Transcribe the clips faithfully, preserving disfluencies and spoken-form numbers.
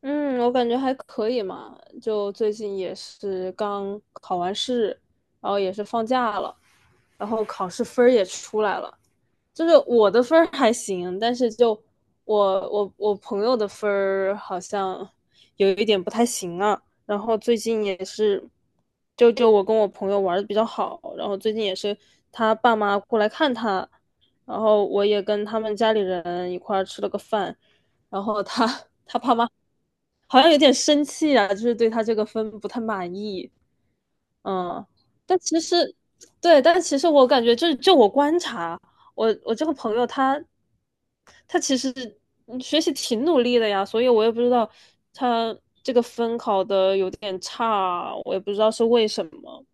嗯，我感觉还可以嘛，就最近也是刚考完试，然后也是放假了，然后考试分儿也出来了，就是我的分儿还行，但是就我我我朋友的分儿好像有一点不太行啊，然后最近也是，就就我跟我朋友玩的比较好，然后最近也是他爸妈过来看他，然后我也跟他们家里人一块儿吃了个饭。然后他 他爸妈好像有点生气啊，就是对他这个分不太满意。嗯，但其实，对，但其实我感觉就，就我观察，我我这个朋友他他其实嗯学习挺努力的呀，所以我也不知道他这个分考的有点差，我也不知道是为什么。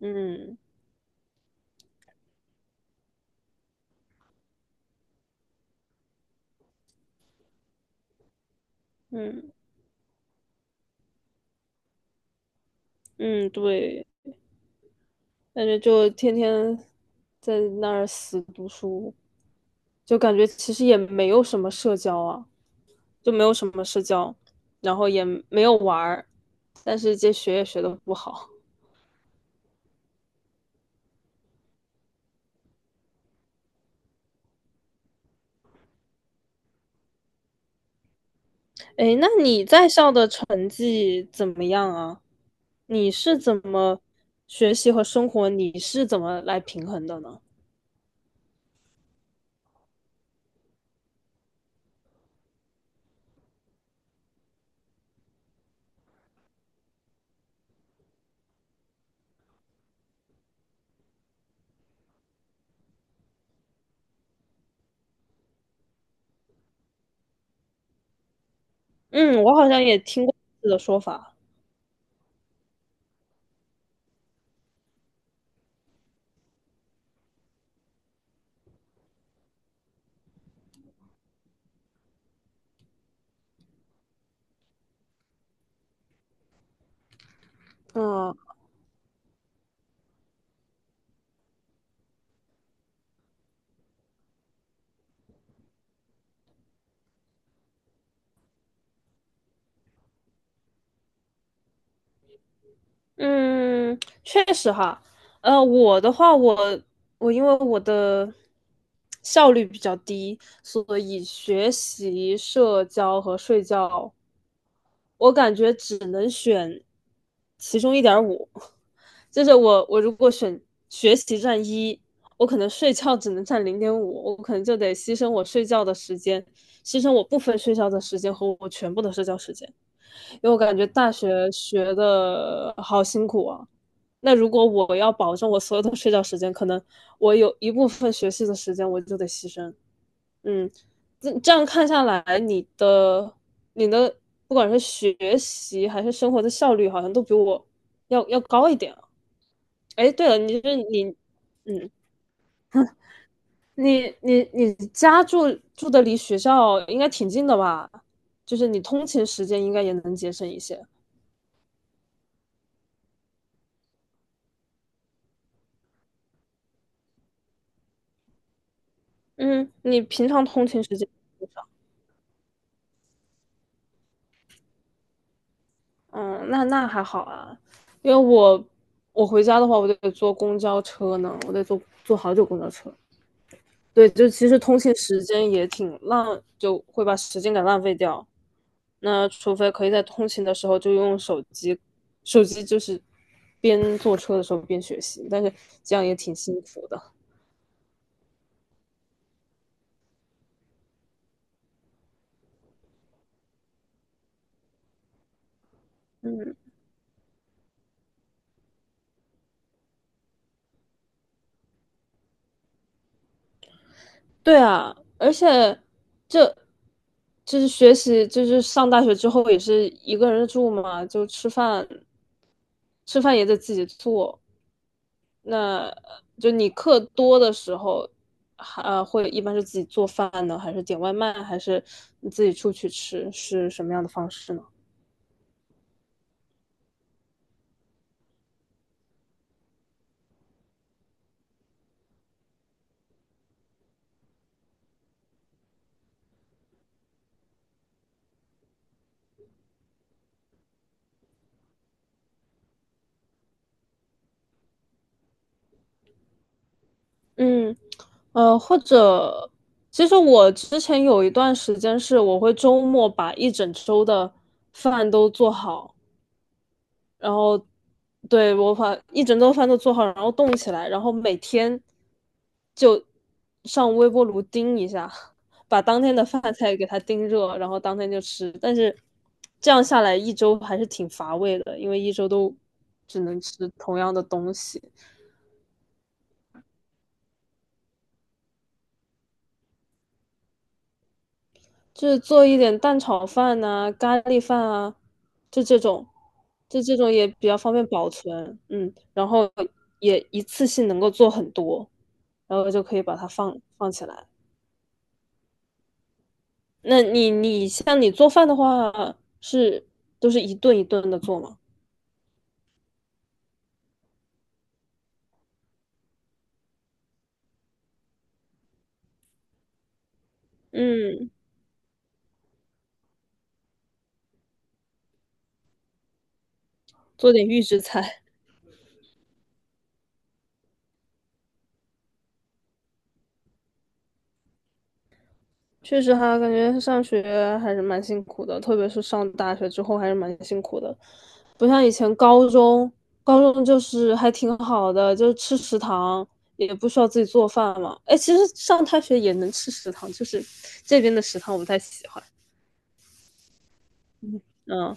嗯嗯嗯，对，感觉就天天在那儿死读书。就感觉其实也没有什么社交啊，就没有什么社交，然后也没有玩儿，但是这学也学的不好。哎，那你在校的成绩怎么样啊？你是怎么学习和生活，你是怎么来平衡的呢？嗯，我好像也听过类似的说法。嗯。嗯，确实哈，呃，我的话，我我因为我的效率比较低，所以学习、社交和睡觉，我感觉只能选其中一点五。就是我我如果选学习占一，我可能睡觉只能占零点五，我可能就得牺牲我睡觉的时间，牺牲我部分睡觉的时间和我全部的社交时间。因为我感觉大学学的好辛苦啊。那如果我要保证我所有的睡觉时间，可能我有一部分学习的时间我就得牺牲。嗯，这这样看下来，你的你的不管是学习还是生活的效率，好像都比我要要高一点啊。哎，对了，你是你，嗯，你你你家住住的离学校应该挺近的吧？就是你通勤时间应该也能节省一些。嗯，你平常通勤时间多少？嗯，那那还好啊，因为我我回家的话，我得坐公交车呢，我得坐坐好久公交车。对，就其实通勤时间也挺浪，就会把时间给浪费掉。那除非可以在通勤的时候就用手机，手机就是边坐车的时候边学习，但是这样也挺辛苦的。嗯。对啊，而且这就是学习，就是上大学之后也是一个人住嘛，就吃饭吃饭也得自己做。那就你课多的时候，还呃会一般是自己做饭呢，还是点外卖，还是你自己出去吃，是什么样的方式呢？嗯，呃，或者其实我之前有一段时间是我会周末把一整周的饭都做好。然后对我把一整顿饭都做好，然后冻起来，然后每天就上微波炉叮一下，把当天的饭菜给它叮热，然后当天就吃。但是这样下来一周还是挺乏味的，因为一周都只能吃同样的东西。就是做一点蛋炒饭呐、咖喱饭啊，就这种，就这种也比较方便保存，嗯，然后也一次性能够做很多，然后就可以把它放放起来。那你你像你做饭的话，是都是一顿一顿的做吗？嗯，做点预制菜。确实哈，感觉上学还是蛮辛苦的，特别是上大学之后还是蛮辛苦的，不像以前高中，高中就是还挺好的，就是吃食堂也不需要自己做饭嘛。哎，其实上大学也能吃食堂，就是这边的食堂我不太喜欢。嗯，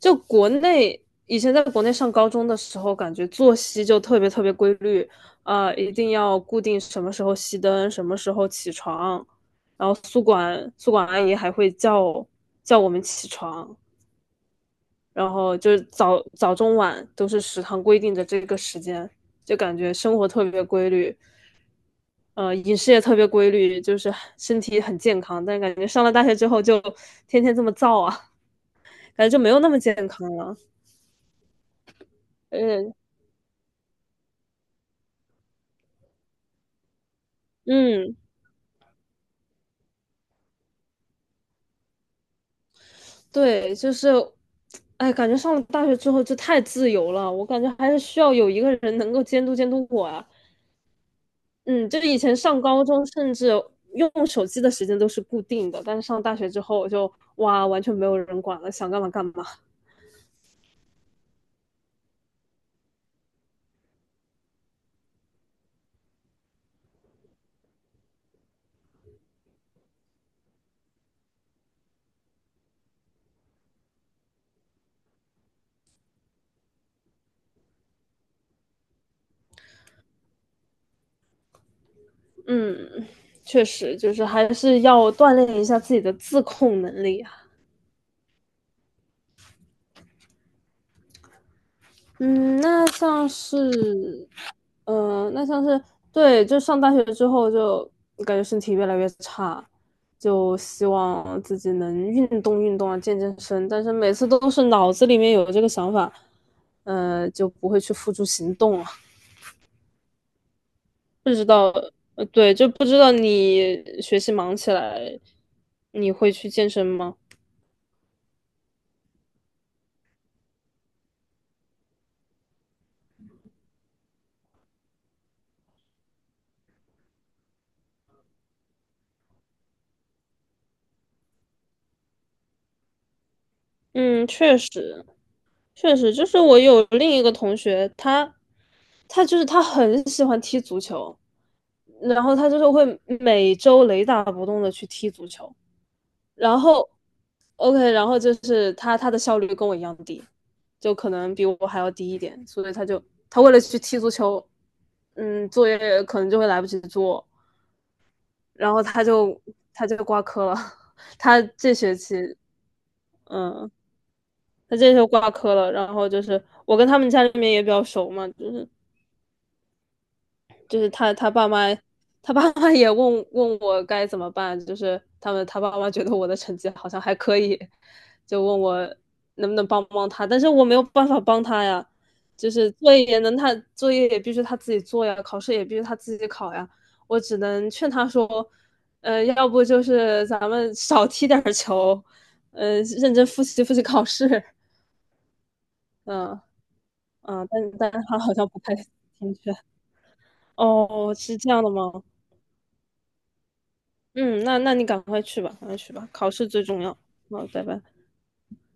就国内以前在国内上高中的时候，感觉作息就特别特别规律，啊，呃一定要固定什么时候熄灯，什么时候起床，然后宿管宿管阿姨还会叫叫我们起床，然后就是早早中晚都是食堂规定的这个时间，就感觉生活特别规律，呃，饮食也特别规律，就是身体很健康，但感觉上了大学之后就天天这么造啊，感觉就没有那么健康了。呃，嗯，对，就是，哎，感觉上了大学之后就太自由了，我感觉还是需要有一个人能够监督监督我啊。嗯，就是以前上高中，甚至用手机的时间都是固定的，但是上大学之后我就哇，完全没有人管了，想干嘛干嘛。嗯，确实就是还是要锻炼一下自己的自控能力啊。嗯，那像是嗯、呃那像是对，就上大学之后就感觉身体越来越差，就希望自己能运动运动啊，健健身。但是每次都是脑子里面有这个想法，呃，就不会去付诸行动了。不知道，呃，对，就不知道你学习忙起来，你会去健身吗？嗯，确实，确实，就是我有另一个同学，他，他就是他很喜欢踢足球。然后他就是会每周雷打不动的去踢足球，然后 OK,然后就是他他的效率跟我一样低，就可能比我还要低一点，所以他就他为了去踢足球，嗯，作业可能就会来不及做，然后他就他就挂科了，他这学期嗯。他这时候挂科了，然后就是我跟他们家里面也比较熟嘛，就是就是他他爸妈，他爸妈也问问我该怎么办，就是他们他爸妈觉得我的成绩好像还可以，就问我能不能帮帮他，但是我没有办法帮他呀，就是作业也能他作业也必须他自己做呀，考试也必须他自己考呀，我只能劝他说，呃，要不就是咱们少踢点球，呃，认真复习复习考试，嗯、呃嗯，呃但但是他好像不太听劝。哦，是这样的吗？嗯，那那你赶快去吧，赶快去吧，考试最重要。好，拜拜。